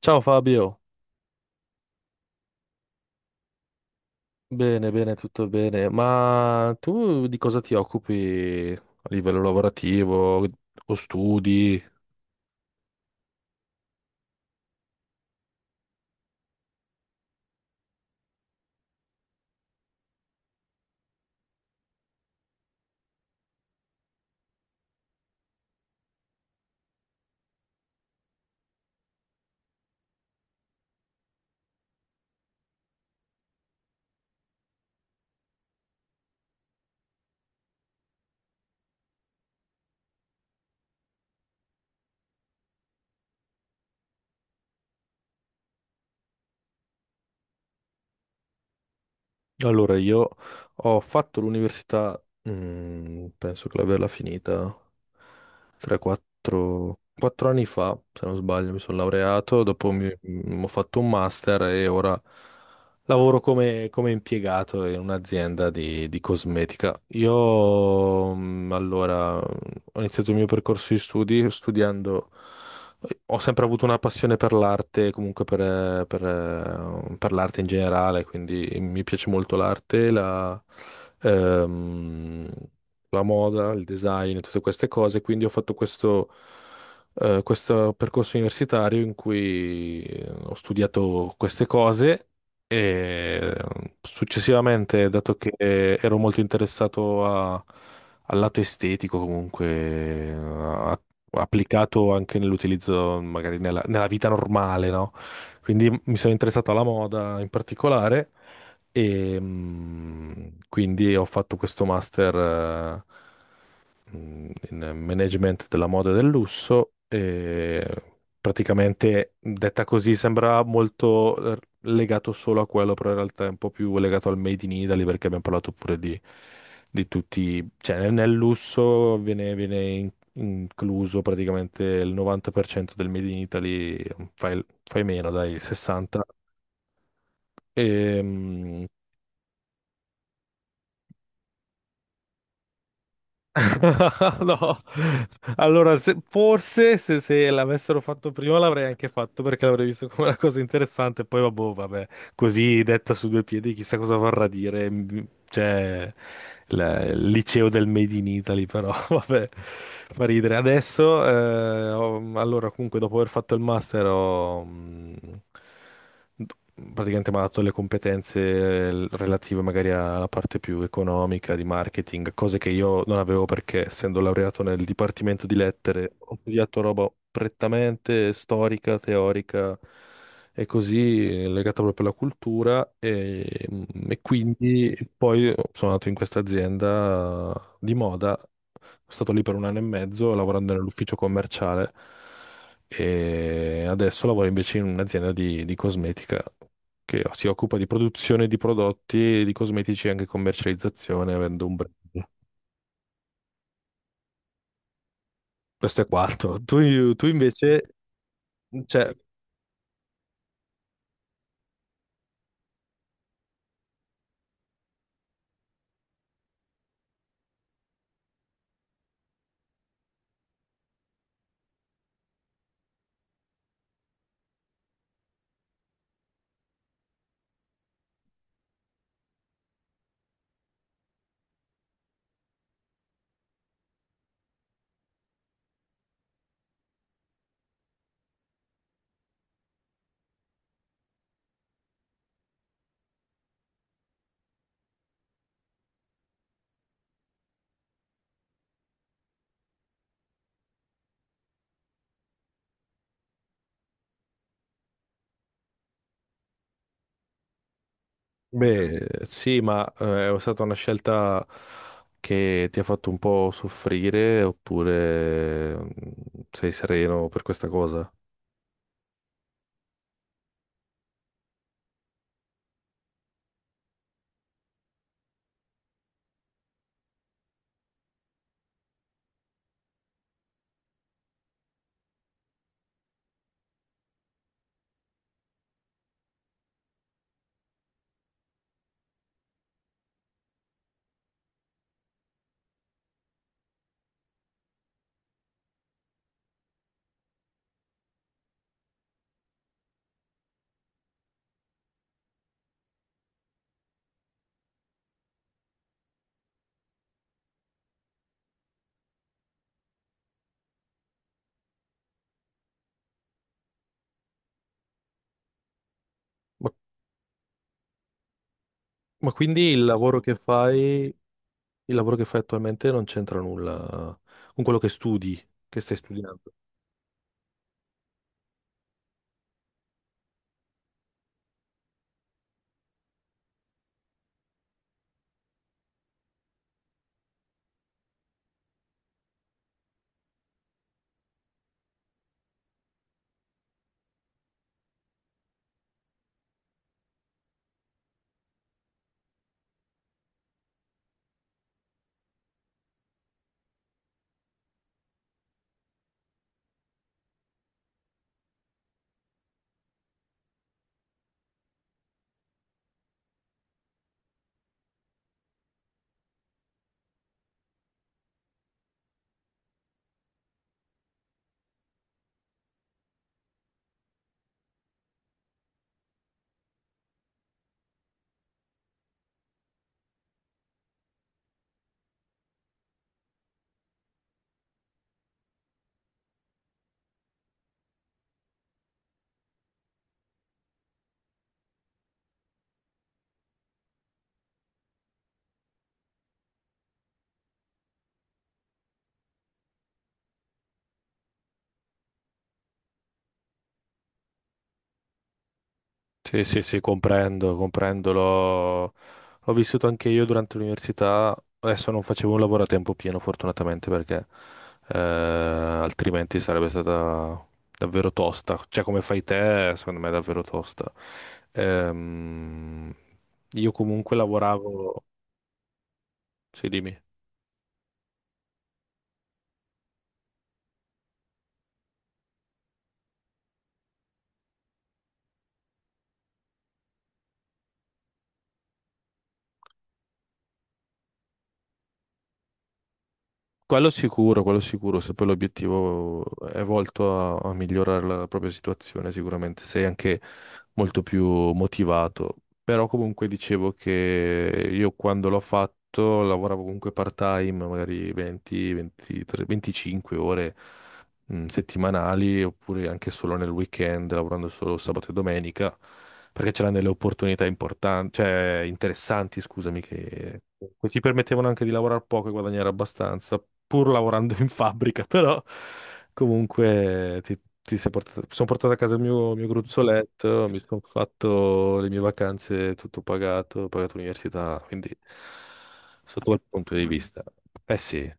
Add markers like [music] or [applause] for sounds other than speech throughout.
Ciao Fabio, bene, bene, tutto bene. Ma tu di cosa ti occupi a livello lavorativo o studi? Allora, io ho fatto l'università, penso che l'averla finita 3-4 anni fa, se non sbaglio, mi sono laureato, dopo ho fatto un master e ora lavoro come impiegato in un'azienda di cosmetica. Io, allora, ho iniziato il mio percorso di studi studiando ho sempre avuto una passione per l'arte, comunque per l'arte in generale, quindi mi piace molto l'arte, ehm, la moda, il design, tutte queste cose. Quindi ho fatto questo percorso universitario in cui ho studiato queste cose e successivamente, dato che ero molto interessato al lato estetico, comunque, a applicato anche nell'utilizzo, magari nella vita normale, no? Quindi mi sono interessato alla moda in particolare e quindi ho fatto questo master in management della moda e del lusso e praticamente detta così sembra molto legato solo a quello, però in realtà è un po' più legato al Made in Italy perché abbiamo parlato pure di tutti, cioè nel lusso viene incluso praticamente il 90% del Made in Italy, fai meno, dai, il 60%, e, [laughs] No, allora forse se l'avessero fatto prima l'avrei anche fatto perché l'avrei visto come una cosa interessante. Poi vabbò, vabbè, così detta su due piedi, chissà cosa vorrà dire. Cioè, il liceo del Made in Italy, però [laughs] vabbè, fa ridere. Adesso, allora, comunque, dopo aver fatto il master, praticamente mi ha dato le competenze relative magari alla parte più economica, di marketing, cose che io non avevo perché essendo laureato nel dipartimento di lettere ho studiato roba prettamente storica, teorica e così legata proprio alla cultura e quindi poi sono andato in questa azienda di moda, sono stato lì per un anno e mezzo lavorando nell'ufficio commerciale. E adesso lavoro invece in un'azienda di cosmetica che si occupa di produzione di prodotti, di cosmetici e anche commercializzazione, avendo un brand. Questo è quanto. Tu invece, cioè, beh, sì, ma è stata una scelta che ti ha fatto un po' soffrire, oppure sei sereno per questa cosa? Ma, ma quindi il lavoro che fai, il lavoro che fai attualmente non c'entra nulla con quello che studi, che stai studiando? Sì, sì, sì, comprendo, comprendo. L'ho vissuto anche io durante l'università. Adesso non facevo un lavoro a tempo pieno, fortunatamente, perché altrimenti sarebbe stata davvero tosta. Cioè, come fai te, secondo me è davvero tosta. Ehm, io comunque lavoravo. Sì, dimmi. Quello sicuro, se poi l'obiettivo è volto a migliorare la propria situazione, sicuramente sei anche molto più motivato. Però comunque dicevo che io quando l'ho fatto lavoravo comunque part-time, magari 20, 23, 25 ore settimanali, oppure anche solo nel weekend, lavorando solo sabato e domenica perché c'erano delle opportunità importanti, cioè interessanti, scusami, che ti permettevano anche di lavorare poco e guadagnare abbastanza, pur lavorando in fabbrica, [laughs] però comunque ti sei portato, sono portato a casa il mio gruzzoletto, mi sono fatto le mie vacanze, tutto pagato, ho pagato l'università, quindi sotto quel punto di vista. Eh sì,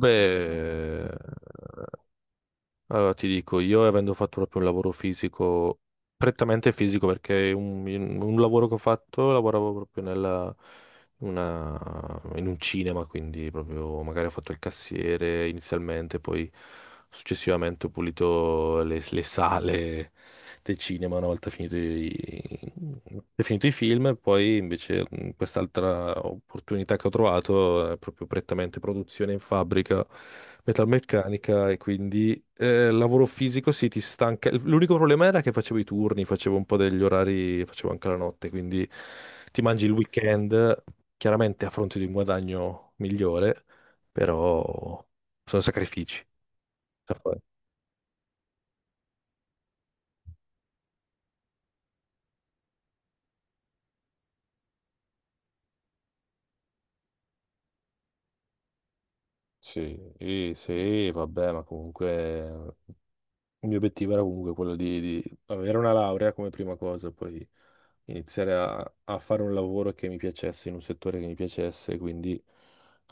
beh. Allora, ti dico, io avendo fatto proprio un lavoro fisico, prettamente fisico, perché un lavoro che ho fatto, lavoravo proprio in un cinema, quindi proprio magari ho fatto il cassiere inizialmente, poi successivamente ho pulito le sale del cinema una volta finito i film, e poi invece quest'altra opportunità che ho trovato è proprio prettamente produzione in fabbrica metalmeccanica e quindi lavoro fisico sì, ti stanca. L'unico problema era che facevo i turni, facevo un po' degli orari, facevo anche la notte, quindi ti mangi il weekend chiaramente a fronte di un guadagno migliore, però sono sacrifici da fare. Sì, sì, sì, vabbè, ma comunque eh, il mio obiettivo era comunque quello di avere una laurea come prima cosa, poi iniziare a fare un lavoro che mi piacesse, in un settore che mi piacesse, quindi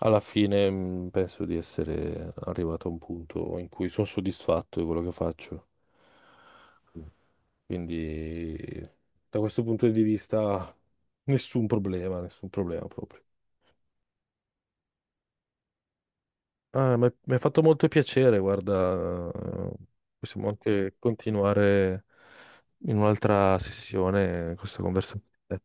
alla fine penso di essere arrivato a un punto in cui sono soddisfatto di quello che faccio. Quindi da questo punto di vista nessun problema proprio. Ah, mi ha fatto molto piacere, guarda, possiamo anche continuare in un'altra sessione questa conversazione.